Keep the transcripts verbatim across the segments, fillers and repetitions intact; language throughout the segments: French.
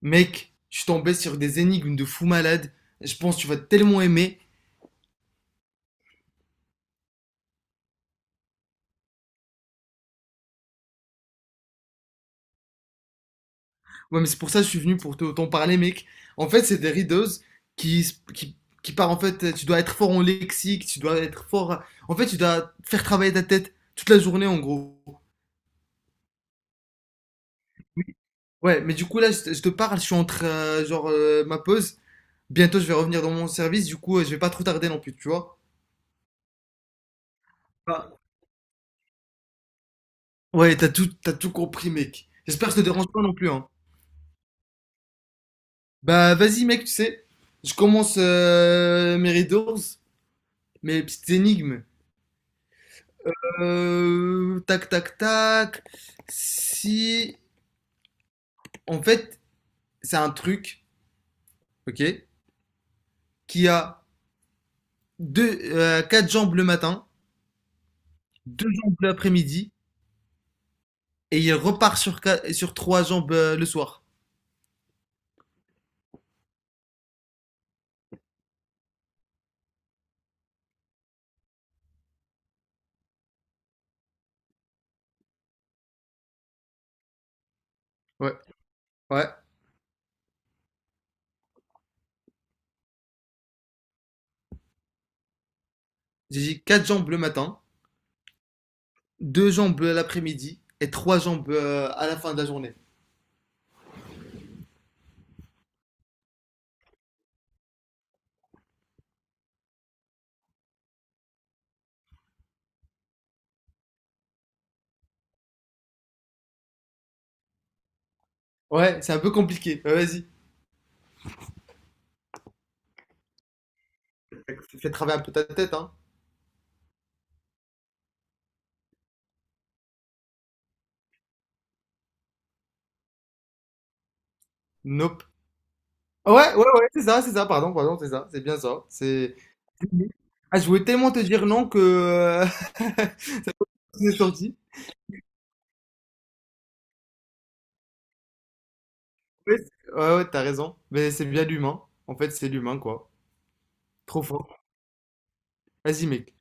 Mec, je suis tombé sur des énigmes de fou malade. Je pense que tu vas tellement aimer. Ouais, mais c'est pour ça que je suis venu pour te, t'en parler, mec. En fait, c'est des rideuses qui, qui, qui part en fait. Tu dois être fort en lexique, tu dois être fort. En fait, tu dois faire travailler ta tête toute la journée, en gros. Ouais, mais du coup, là, je, te je te parle, je suis entre, euh, genre, euh, ma pause. Bientôt, je vais revenir dans mon service. Du coup, euh, je vais pas trop tarder non plus, tu vois. Bah, ouais, t'as tout, t'as tout compris, mec. J'espère que ça te dérange pas non plus, hein. Bah vas-y mec, tu sais, je commence euh, mes riddles, mes petites énigmes. Euh, tac tac tac. Si en fait c'est un truc, ok, qui a deux, euh, quatre jambes le matin, deux jambes l'après-midi et il repart sur qua- sur trois jambes euh, le soir. Ouais, ouais. J'ai dit quatre jambes le matin, deux jambes l'après-midi et trois jambes euh, à la fin de la journée. Ouais, c'est un peu compliqué. Ouais, vas-y, fais travailler un peu ta tête, hein. Nope. Ouais, ouais, ouais, c'est ça, c'est ça, pardon, pardon, c'est ça, c'est bien ça. C'est. Ah, je voulais tellement te dire non que euh, c'est sorti. Ouais, c'est- ouais, ouais, t'as raison. Mais c'est bien l'humain. En fait, c'est l'humain, quoi. Trop fort. Vas-y, mec.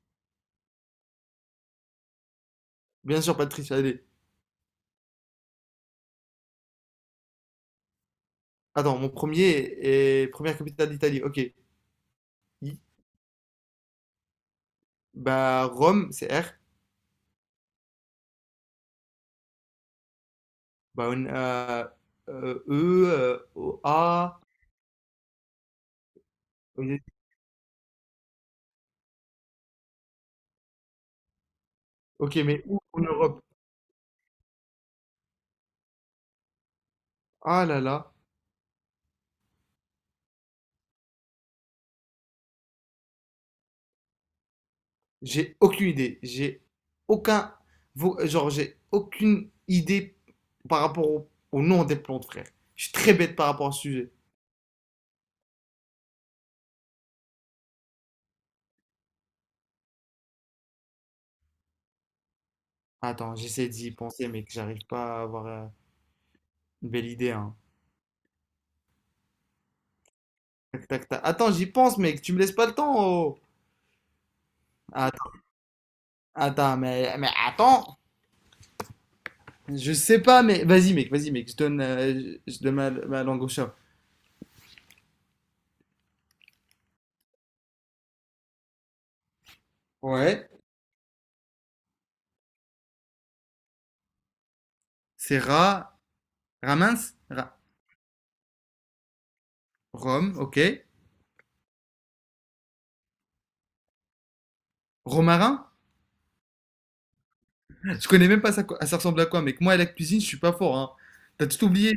Bien sûr, Patrice, allez. Attends, mon premier est première capitale d'Italie. Ok. I. Bah, Rome, c'est R. Bah, on, euh, euh, E, euh, O, A. Ok, mais où en Europe? Ah là là. J'ai aucune idée. J'ai aucun. Genre, j'ai aucune idée par rapport au, au nom des plantes, frère. Je suis très bête par rapport au sujet. Attends, j'essaie d'y penser, mec. J'arrive pas à avoir euh, une belle idée, hein. Tac, tac, tac. Attends, j'y pense, mec. Tu me laisses pas le temps, oh. Attends, attends, mais, mais attends. Je sais pas, mais vas-y, mec. Vas-y, mec. Je donne, euh, je je donne ma, ma langue au chat. Ouais. C'est ra. Ramins? Ra- Rome, ok. Romarin? Je connais même pas ça, quoi- Ah, ça ressemble à quoi, mec. Moi, à la cuisine, je suis pas fort, hein. T'as tout oublié.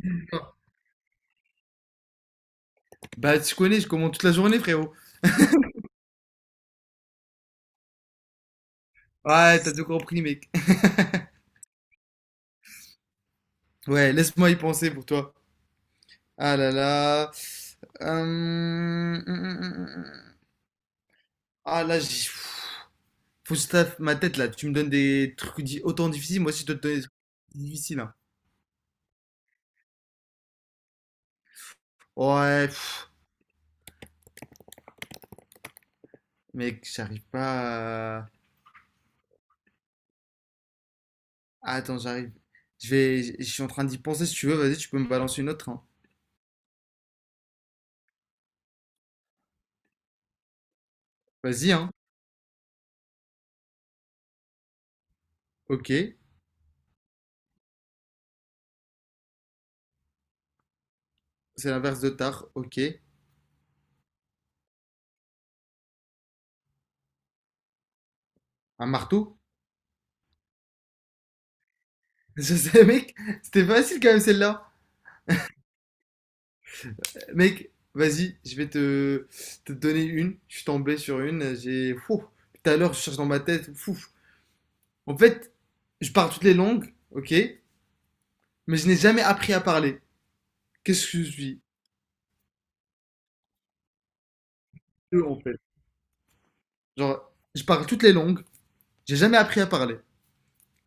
Bah, tu connais, je commande toute la journée, frérot. Ouais, t'as tout compris, mec. Ouais, laisse-moi y penser pour toi. Ah là là. Hum, hum, hum, hum. Ah là, j'ai... pff, faut que je taffe ma tête, là. Tu me donnes des trucs di- autant difficiles, moi aussi, je dois te donner des trucs difficiles, hein. Ouais, pff, mec, j'arrive pas à... Attends, j'arrive. Je vais... Je suis en train d'y penser, si tu veux, vas-y, tu peux me balancer une autre, hein. Vas-y, hein. Ok. C'est l'inverse de tard, ok. Un marteau? Je sais, mec, c'était facile quand même celle-là. Mec, vas-y, je vais te, te donner une. Je suis tombé sur une. J'ai. Fou. Tout à l'heure, je cherche dans ma tête. Fou. En fait, je parle toutes les langues, ok, mais je n'ai jamais appris à parler. Qu'est-ce que je suis? Eux, en fait. Genre, je parle toutes les langues, j'ai jamais appris à parler.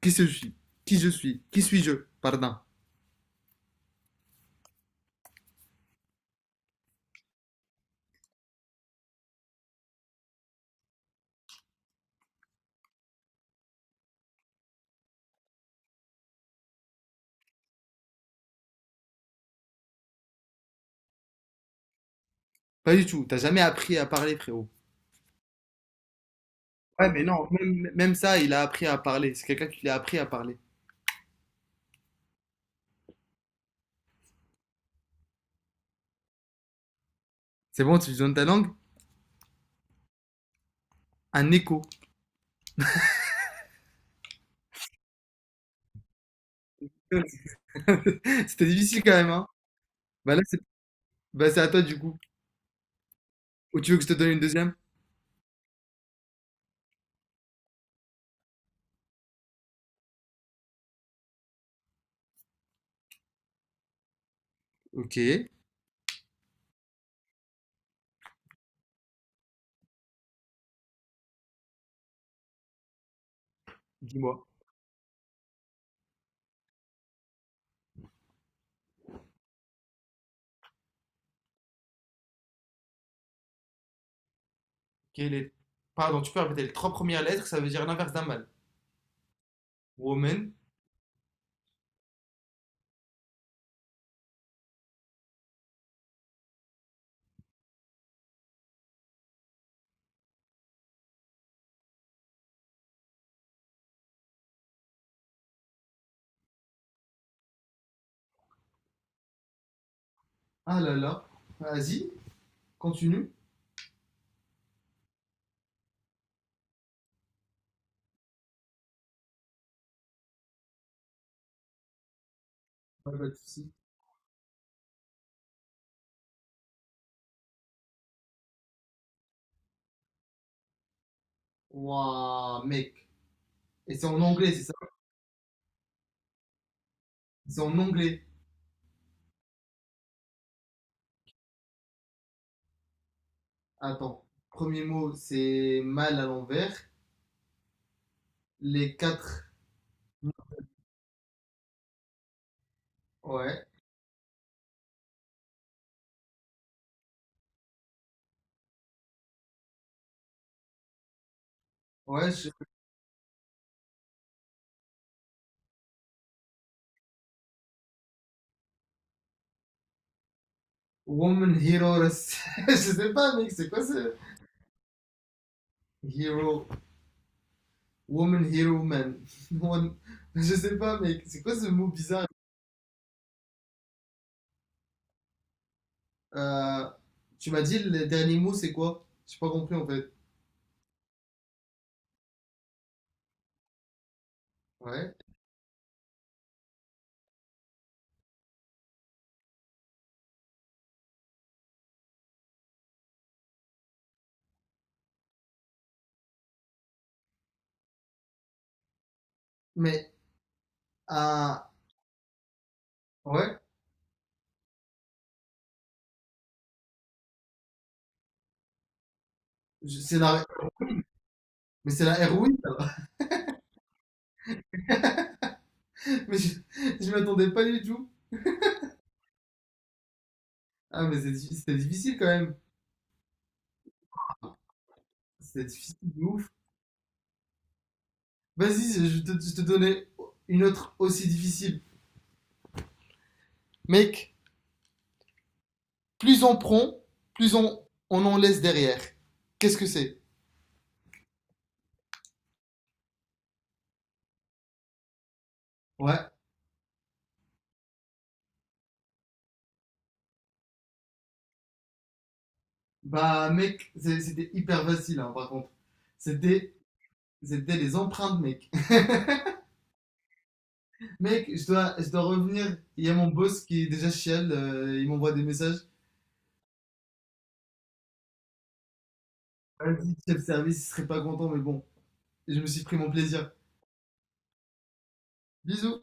Qu'est-ce que je suis? Qui je suis? Qui suis-je? Pardon. Pas du tout. T'as jamais appris à parler, frérot. Ouais, mais non, même, même ça, il a appris à parler. C'est quelqu'un qui l'a appris à parler. C'est bon, tu lui donnes ta langue? Un écho. C'était difficile quand même, hein? Bah là, c'est Bah, c'est à toi du coup. Ou tu veux que je te donne une deuxième? Ok, dis-moi. Quelle est... Pardon, tu peux répéter les trois premières lettres, ça veut dire l'inverse d'un mâle. Woman. Ah là là. Vas-y, continue. Pas de soucis. Ouah, mec. Et c'est en anglais, c'est ça? C'est en anglais. Attends. Premier mot, c'est mâle à l'envers. Les quatre. Ouais. Ouais, je... Woman heroes. Je sais pas, mec, c'est quoi ça? Hero, woman, hero, man. Woman- je sais pas, mec. C'est quoi ce mot bizarre? Euh, Tu m'as dit le dernier mot, c'est quoi? J'ai pas compris en fait. Ouais. Mais, ah, ouais. Je- C'est la, mais c'est la héroïne, alors. Mais je, je m'attendais pas du tout. Ah, mais c'est diffi- c'était difficile quand même. C'était difficile de ouf. Vas-y, je je te, je te donnais une autre aussi difficile. Mec, plus on prend, plus on, on en laisse derrière. Qu'est-ce que c'est? Ouais. Bah, mec, c'est- c'était hyper facile, hein, par contre. C'était, c'était les empreintes, mec. Mec, je dois, je dois revenir. Il y a mon boss qui est déjà chial, euh, il m'envoie des messages. Vas-y, chef service, il serait pas content, mais bon, je me suis pris mon plaisir. Bisous.